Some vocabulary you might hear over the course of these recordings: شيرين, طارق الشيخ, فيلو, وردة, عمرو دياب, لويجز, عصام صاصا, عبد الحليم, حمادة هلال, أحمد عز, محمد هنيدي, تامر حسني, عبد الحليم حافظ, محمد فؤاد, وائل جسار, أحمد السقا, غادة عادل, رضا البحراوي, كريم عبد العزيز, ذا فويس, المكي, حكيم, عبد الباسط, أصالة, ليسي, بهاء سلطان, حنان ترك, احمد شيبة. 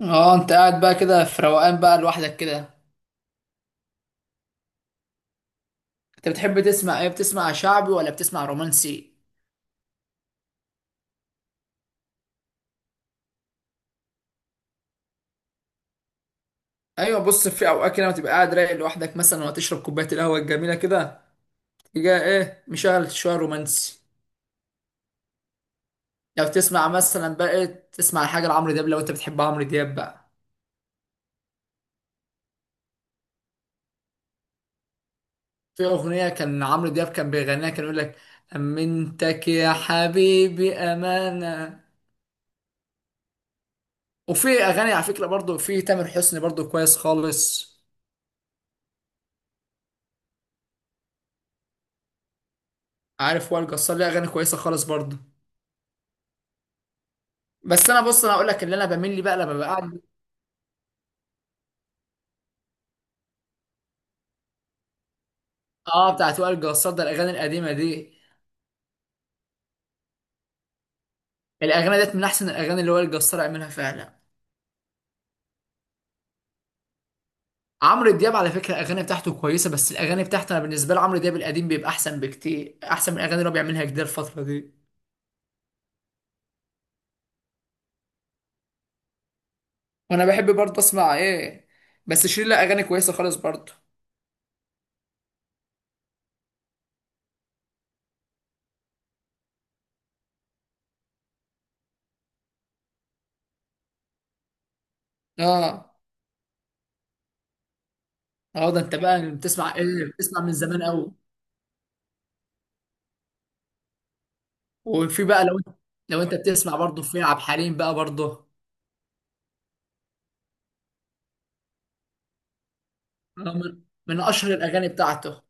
اه انت قاعد بقى كده في روقان بقى لوحدك كده. انت بتحب تسمع ايه؟ بتسمع شعبي ولا بتسمع رومانسي؟ ايوه بص، في اوقات كده لما تبقى قاعد رايق لوحدك مثلا وتشرب كوبايه القهوه الجميله كده، تيجي ايه مشغل شويه رومانسي. لو تسمع مثلا بقى تسمع حاجه لعمرو دياب، لو انت بتحب عمرو دياب بقى. في اغنيه كان عمرو دياب كان بيغنيها، كان يقول لك امنتك يا حبيبي امانه. وفي اغاني على فكره برضو في تامر حسني برضو كويس خالص. عارف وائل جسار ليه اغاني كويسه خالص برضو. بس انا بص، انا اقول لك اللي انا بميل لي بقى لما ببقى قاعد. اه بتاعت وائل جسار ده، الاغاني القديمه دي، الاغاني ديت من احسن الاغاني اللي وائل جسار عملها فعلا. عمرو دياب على فكره الاغاني بتاعته كويسه، بس الاغاني بتاعته انا بالنسبه لي عمرو دياب القديم بيبقى احسن بكتير، احسن من الاغاني اللي هو بيعملها جديد الفتره دي. وانا بحب برضه اسمع ايه، بس شيرين لها اغاني كويسه خالص برضه. اه، اه ده انت بقى بتسمع ايه؟ بتسمع من زمان قوي. وفي بقى لو انت، لو انت بتسمع برضه في عبد الحليم بقى برضه. من اشهر الاغاني بتاعته.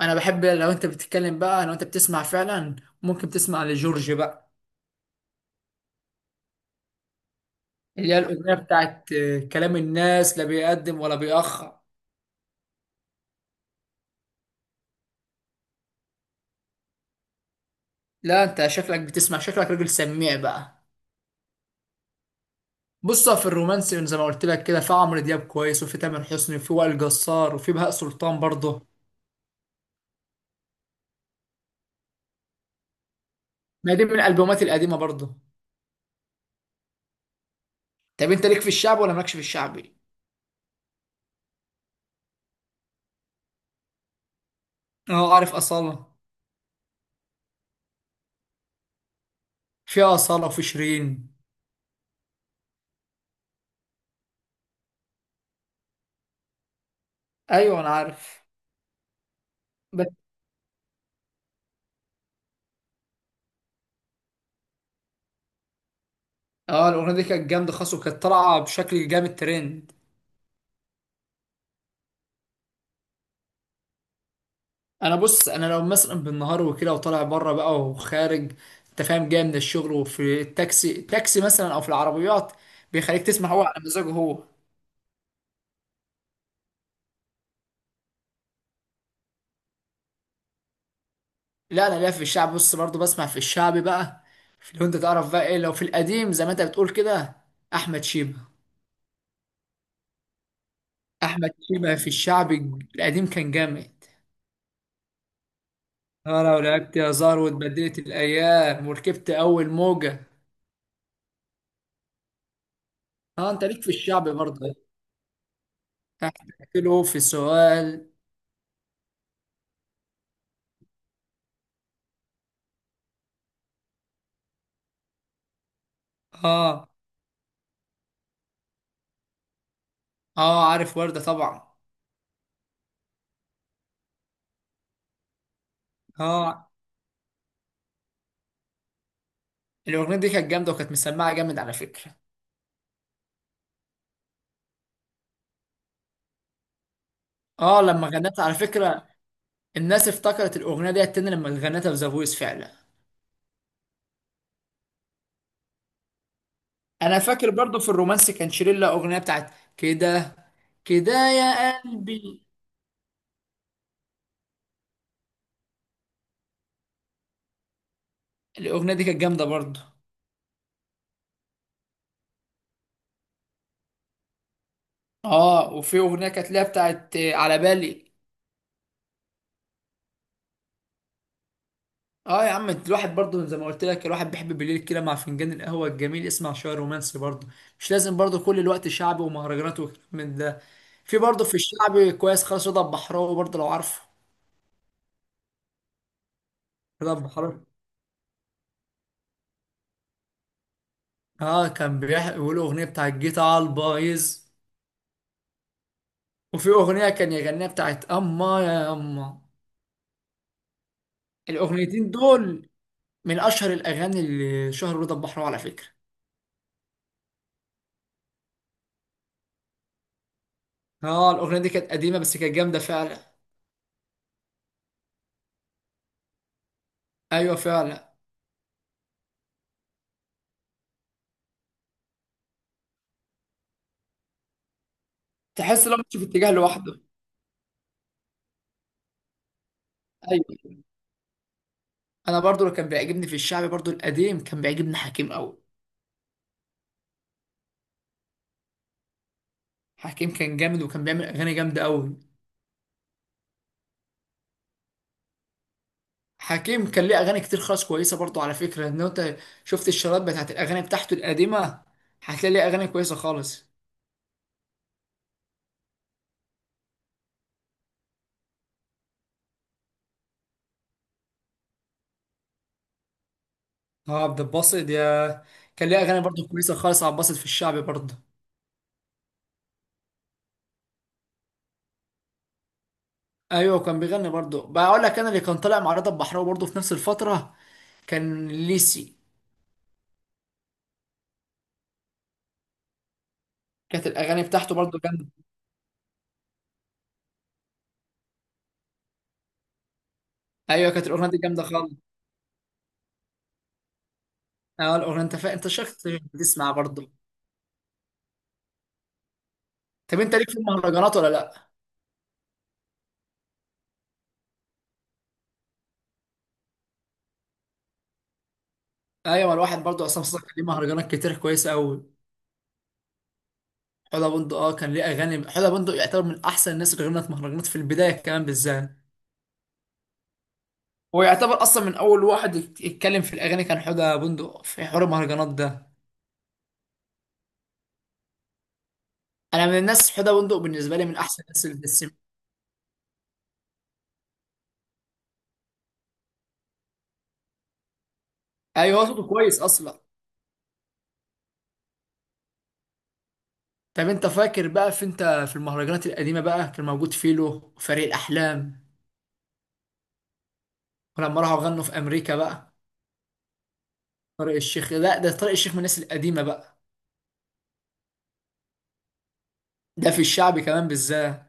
انا بحب لو انت بتتكلم بقى لو انت بتسمع فعلا، ممكن تسمع لجورج بقى. اللي هي الاغنيه بتاعت كلام الناس لا بيقدم ولا بيأخر. لا انت شكلك بتسمع، شكلك راجل سميع بقى. بص في الرومانسي زي ما قلت لك كده في عمرو دياب كويس، وفي تامر حسني، وفي وائل جسار، وفي بهاء سلطان برضه. ما دي من الالبومات القديمه برضه. طب انت ليك في الشعب ولا مالكش في الشعبي؟ اه عارف اصاله. في اصاله وفي شيرين. ايوه انا عارف. بس اه الاغنيه دي كانت جامده خالص وكانت طالعه بشكل جامد ترند. انا بص، انا لو مثلا بالنهار وكده وطالع بره بقى وخارج، انت فاهم جاي من الشغل وفي التاكسي مثلا او في العربيات، بيخليك تسمع هو على مزاجه هو. لا انا ليا في الشعب، بص برضه بسمع في الشعبي بقى. في لو انت تعرف بقى ايه، لو في القديم زي ما انت بتقول كده، احمد شيبة. احمد شيبة في الشعبي القديم كان جامد. اه لو لعبت يا زار واتبدلت الايام وركبت اول موجة. اه انت ليك في الشعبي برضه. تحت له في سؤال. اه. اه عارف وردة طبعا. اه الاغنية دي كانت جامدة وكانت مسمعة جامد على فكرة. اه لما غنتها على فكرة، الناس افتكرت الاغنية دي تاني لما غنتها في ذا فويس فعلا. انا فاكر برضو في الرومانسي كان شيرين لها اغنية بتاعت كده، كده يا قلبي. الاغنية دي كانت جامدة برضو. اه وفي اغنية كانت لها بتاعت على بالي. اه يا عم الواحد برضه زي ما قلت لك الواحد بيحب بالليل كده مع فنجان القهوه الجميل يسمع شويه رومانسي برضه. مش لازم برضه كل الوقت شعبي ومهرجانات وكلام من ده. في برضه في الشعبي كويس خالص رضا البحراوي برضه لو عارفه. رضا البحراوي اه كان بيقول اغنيه بتاع الجيت على البايظ. وفي اغنيه كان يغنيها بتاعت اما يا اما. الاغنيتين دول من اشهر الاغاني اللي شهر رضا البحراوي على فكره. اه الاغنيه دي كانت قديمه بس كانت جامده فعلا. ايوه فعلا. تحس لو مش في اتجاه لوحده. أيوة. انا برضو اللي كان بيعجبني في الشعبي برضو القديم كان بيعجبني حكيم قوي. حكيم كان جامد وكان بيعمل اغاني جامده قوي. حكيم كان ليه اغاني كتير خالص كويسه برضو على فكره، ان انت شفت الشرايط بتاعت الاغاني بتاعته القديمه هتلاقي ليه اغاني كويسه خالص. اه عبد الباسط يا، كان ليه اغاني برضو كويسه خالص عبد الباسط في الشعبي برضو. ايوه كان بيغني برضو، بقول لك انا اللي كان طالع مع رضا البحراوي برضو في نفس الفتره كان ليسي. كانت الاغاني بتاعته برضو جامده. ايوه كانت الاغنيه دي جامده خالص. اه الاغنيه انت انت شخص بتسمع برضو. طب انت ليك في المهرجانات ولا لا؟ ايوه الواحد برضو عصام صاصا كان ليه مهرجانات كتير كويسه قوي. حوده بندق اه كان ليه اغاني، حوده بندق يعتبر من احسن الناس اللي غنت مهرجانات في البدايه كمان بالذات. هو يعتبر اصلا من اول واحد يتكلم في الاغاني كان حوده بندق في حوار المهرجانات ده. انا من الناس حوده بندق بالنسبه لي من احسن الناس اللي بتسمع. ايوه هو صوته كويس اصلا. طب انت فاكر بقى في انت في المهرجانات القديمه بقى كان موجود فيلو وفريق الاحلام، ولما راحوا غنوا في امريكا بقى. طارق الشيخ، لا ده طارق الشيخ من الناس القديمه بقى. ده في الشعب كمان بالذات.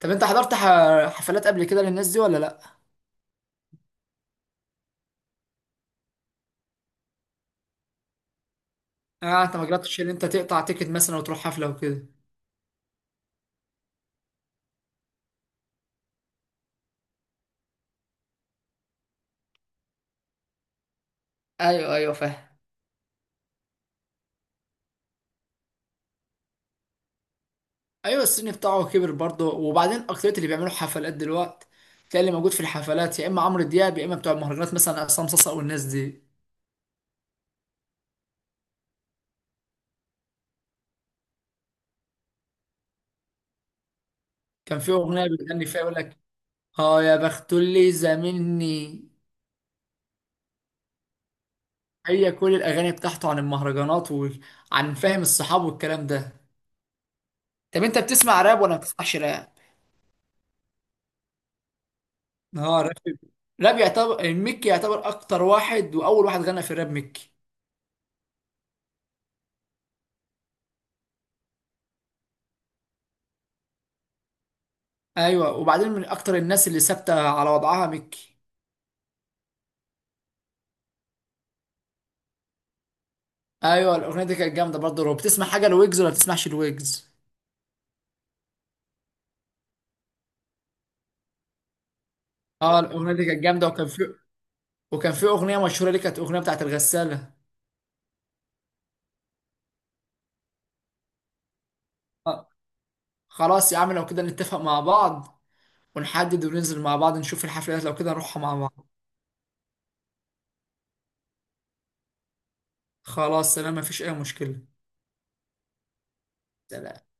طب انت حضرت حفلات قبل كده للناس دي ولا لا؟ اه انت ما جربتش ان انت تقطع تيكت مثلا وتروح حفله وكده. ايوه ايوه فاهم. ايوه السن بتاعه كبر برضه، وبعدين اكترية اللي بيعملوا حفلات دلوقتي تلاقي اللي موجود في الحفلات يا اما عمرو دياب يا اما بتوع المهرجانات مثلا عصام صاصا والناس دي. كان في اغنيه بيغني فيها يقول لك اه يا بخت اللي زاملني. هي كل الاغاني بتاعته عن المهرجانات وعن فهم الصحاب والكلام ده. طب انت بتسمع راب ولا ما بتسمعش راب؟ اه راب. راب يعتبر المكي يعتبر اكتر واحد واول واحد غنى في الراب مكي. ايوه وبعدين من اكتر الناس اللي ثابته على وضعها مكي. ايوه الاغنيه دي كانت جامده برضه. لو بتسمع حاجه لويجز ولا بتسمعش لويجز؟ اه الاغنيه دي كانت جامده، وكان في، وكان في اغنيه مشهوره ليه كانت اغنيه بتاعت الغساله. آه. خلاص يا عم لو كده نتفق مع بعض، ونحدد وننزل مع بعض نشوف الحفلات لو كده نروحها مع بعض. خلاص سلام مفيش اي مشكله. سلام.